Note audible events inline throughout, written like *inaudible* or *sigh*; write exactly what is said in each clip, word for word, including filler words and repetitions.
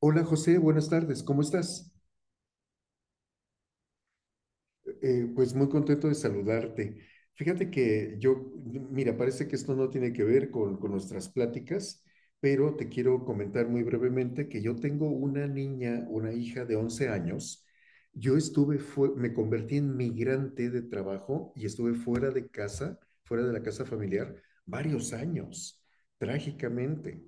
Hola José, buenas tardes, ¿cómo estás? Eh, pues muy contento de saludarte. Fíjate que yo, mira, parece que esto no tiene que ver con, con nuestras pláticas, pero te quiero comentar muy brevemente que yo tengo una niña, una hija de once años. Yo estuve, fue, me convertí en migrante de trabajo y estuve fuera de casa, fuera de la casa familiar, varios años, trágicamente.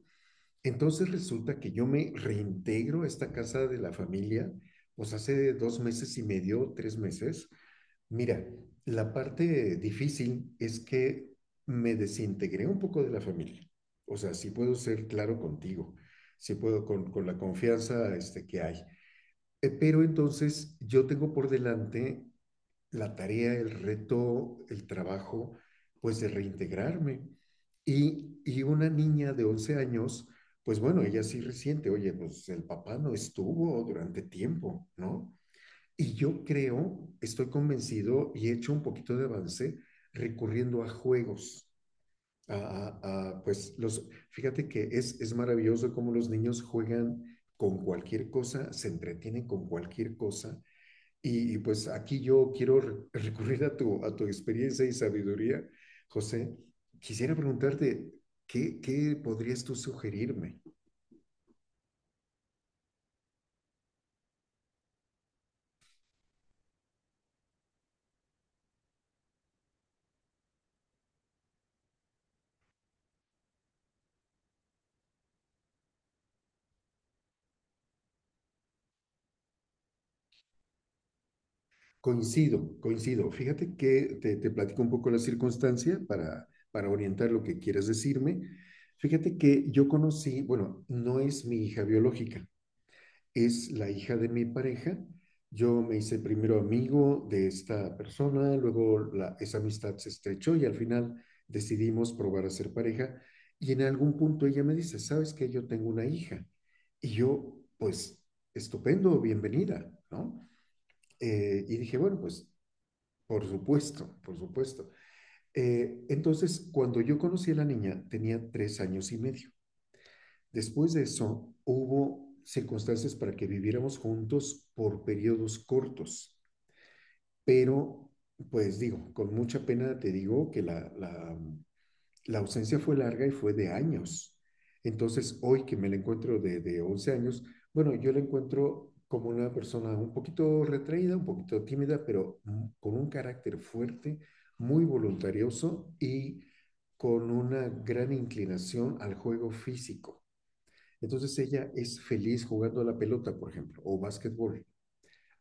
Entonces resulta que yo me reintegro a esta casa de la familia, pues hace dos meses y medio, tres meses. Mira, la parte difícil es que me desintegré un poco de la familia. O sea, sí puedo ser claro contigo, sí puedo con, con la confianza este, que hay. Eh, Pero entonces yo tengo por delante la tarea, el reto, el trabajo, pues de reintegrarme. Y, y, una niña de once años, pues bueno, ella sí resiente, oye, pues el papá no estuvo durante tiempo, ¿no? Y yo creo, estoy convencido y he hecho un poquito de avance recurriendo a juegos. A, a, pues los, fíjate que es, es maravilloso cómo los niños juegan con cualquier cosa, se entretienen con cualquier cosa y, y, pues aquí yo quiero re- recurrir a tu, a tu experiencia y sabiduría, José. Quisiera preguntarte, ¿qué, qué podrías tú sugerirme? Coincido, coincido. Fíjate que te, te platico un poco la circunstancia para, para orientar lo que quieras decirme. Fíjate que yo conocí, bueno, no es mi hija biológica, es la hija de mi pareja. Yo me hice primero amigo de esta persona, luego la- esa amistad se estrechó y al final decidimos probar a ser pareja. Y en algún punto ella me dice, ¿sabes que yo tengo una hija? Y yo, pues, estupendo, bienvenida, ¿no? Eh, y dije, bueno, pues, por supuesto, por supuesto. Eh, entonces, cuando yo conocí a la niña, tenía tres años y medio. Después de eso, hubo circunstancias para que viviéramos juntos por periodos cortos, pero pues digo, con mucha pena te digo que la, la, la ausencia fue larga y fue de años. Entonces, hoy que me la encuentro de, de once años, bueno, yo la encuentro como una persona un poquito retraída, un poquito tímida, pero con un carácter fuerte, muy voluntarioso y con una gran inclinación al juego físico. Entonces ella es feliz jugando a la pelota, por ejemplo, o básquetbol,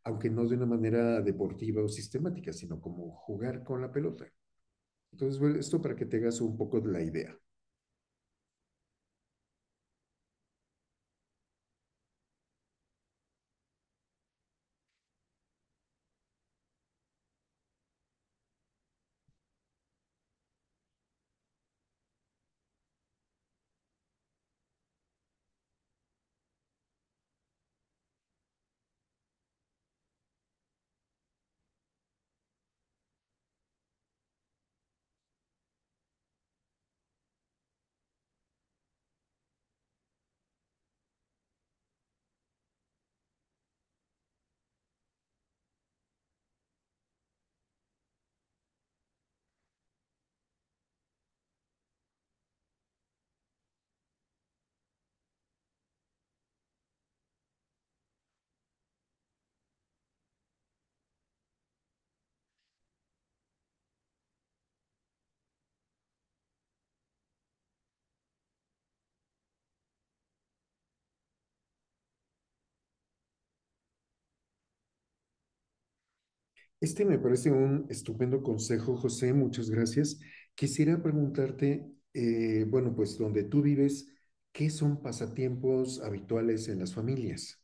aunque no de una manera deportiva o sistemática, sino como jugar con la pelota. Entonces, bueno, esto para que te hagas un poco de la idea. Este me parece un estupendo consejo, José, muchas gracias. Quisiera preguntarte, eh, bueno, pues donde tú vives, ¿qué son pasatiempos habituales en las familias?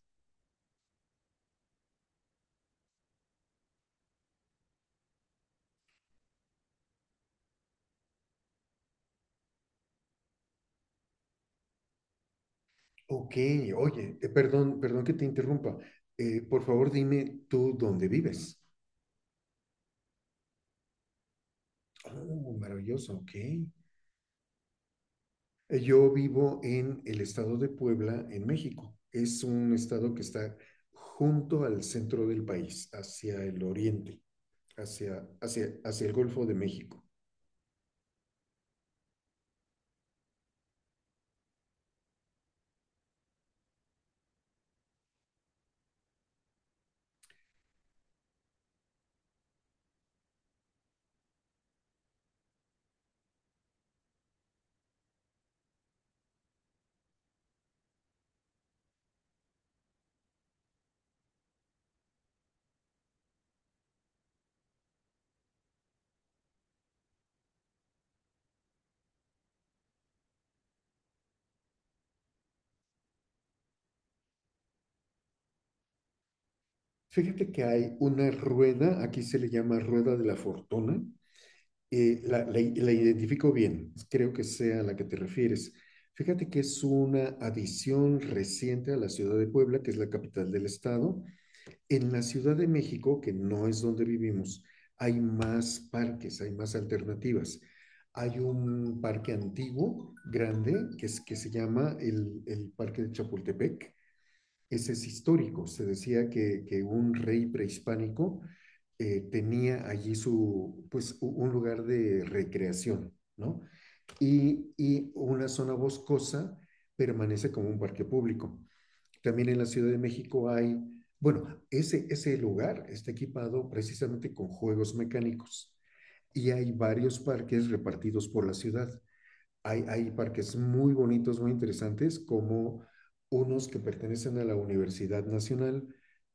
Ok, oye, eh, perdón, perdón que te interrumpa. Eh, por favor, dime tú dónde vives. Oh, maravilloso, ok. Eh, Yo vivo en el estado de Puebla, en México. Es un estado que está junto al centro del país, hacia el oriente, hacia, hacia, hacia el Golfo de México. Fíjate que hay una rueda, aquí se le llama rueda de la fortuna. Eh, la, la la identifico bien, creo que sea a la que te refieres. Fíjate que es una adición reciente a la ciudad de Puebla, que es la capital del estado. En la Ciudad de México, que no es donde vivimos, hay más parques, hay más alternativas. Hay un parque antiguo, grande, que, es, que se llama el, el Parque de Chapultepec. Ese es histórico. Se decía que, que un rey prehispánico eh, tenía allí su, pues, un lugar de recreación, ¿no? Y, y una zona boscosa permanece como un parque público. También en la Ciudad de México hay, bueno, ese, ese lugar está equipado precisamente con juegos mecánicos y hay varios parques repartidos por la ciudad. Hay, hay parques muy bonitos, muy interesantes, como unos que pertenecen a la Universidad Nacional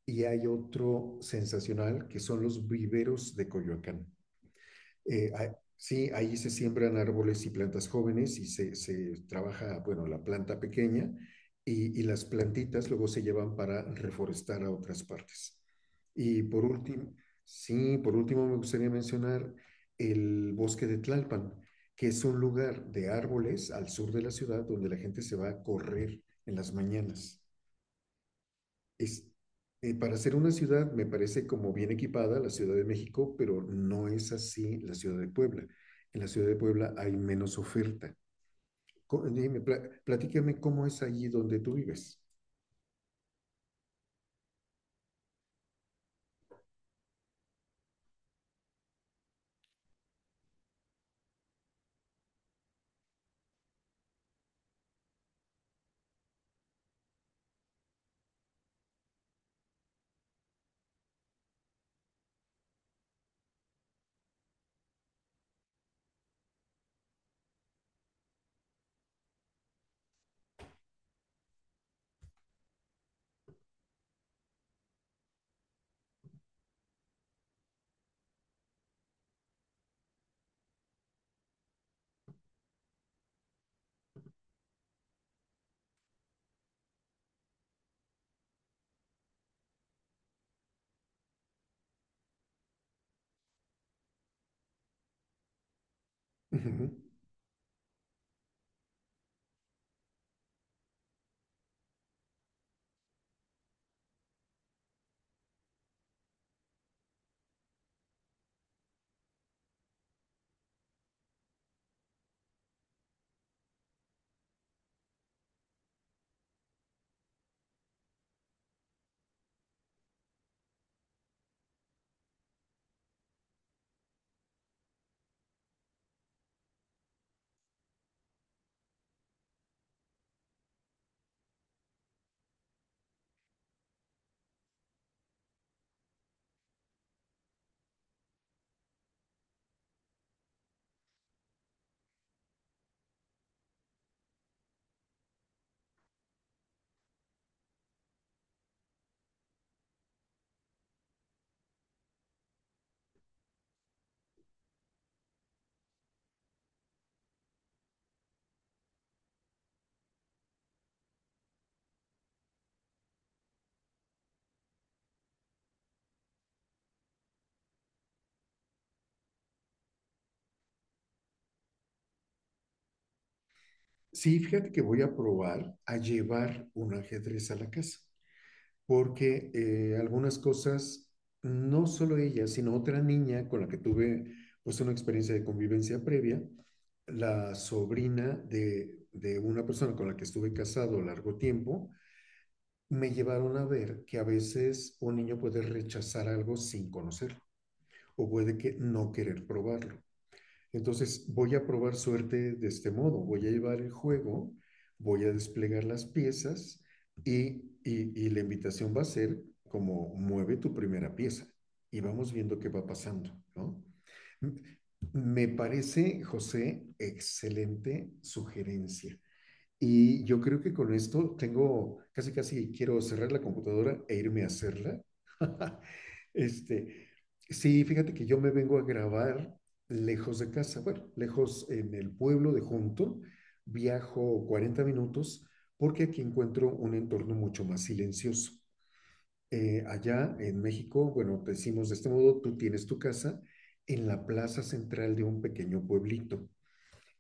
y hay otro sensacional que son los viveros de Coyoacán. Eh, a- sí, ahí se siembran árboles y plantas jóvenes y se, se trabaja, bueno, la planta pequeña y, y las plantitas luego se llevan para reforestar a otras partes. Y por último, sí, por último me gustaría mencionar el bosque de Tlalpan, que es un lugar de árboles al sur de la ciudad donde la gente se va a correr en las mañanas. Es, eh, para ser una ciudad, me parece como bien equipada la Ciudad de México, pero no es así la Ciudad de Puebla. En la Ciudad de Puebla hay menos oferta. Co- Dime, pla- platícame cómo es allí donde tú vives. Ujú. Sí, fíjate que voy a probar a llevar un ajedrez a la casa, porque eh, algunas cosas, no solo ella, sino otra niña con la que tuve pues una experiencia de convivencia previa, la sobrina de, de una persona con la que estuve casado largo tiempo, me llevaron a ver que a veces un niño puede rechazar algo sin conocerlo o puede que no querer probarlo. Entonces voy a probar suerte de este modo, voy a llevar el juego, voy a desplegar las piezas y, y- y la invitación va a ser como mueve tu primera pieza y vamos viendo qué va pasando, ¿no? Me parece, José, excelente sugerencia. Y yo creo que con esto tengo, casi casi quiero cerrar la computadora e irme a hacerla. *laughs* Este, sí, fíjate que yo me vengo a grabar lejos de casa, bueno, lejos en el pueblo de Junto, viajo cuarenta minutos porque aquí encuentro un entorno mucho más silencioso. Eh, allá en México, bueno, te decimos de este modo, tú tienes tu casa en la plaza central de un pequeño pueblito.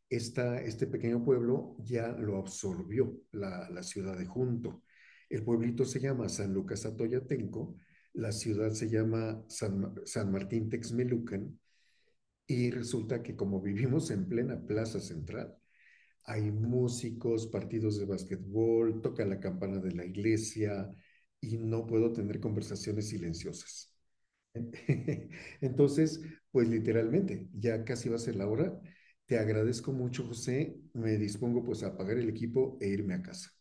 Esta, este pequeño pueblo ya lo absorbió la, la ciudad de Junto. El pueblito se llama San Lucas Atoyatenco, la ciudad se llama San, San Martín Texmelucan, y resulta que como vivimos en plena plaza central, hay músicos, partidos de básquetbol, toca la campana de la iglesia y no puedo tener conversaciones silenciosas. *laughs* Entonces, pues literalmente, ya casi va a ser la hora. Te agradezco mucho, José. Me dispongo pues a apagar el equipo e irme a casa.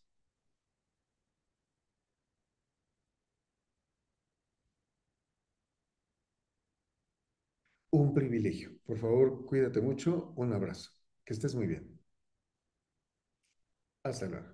Un privilegio. Por favor, cuídate mucho. Un abrazo. Que estés muy bien. Hasta luego.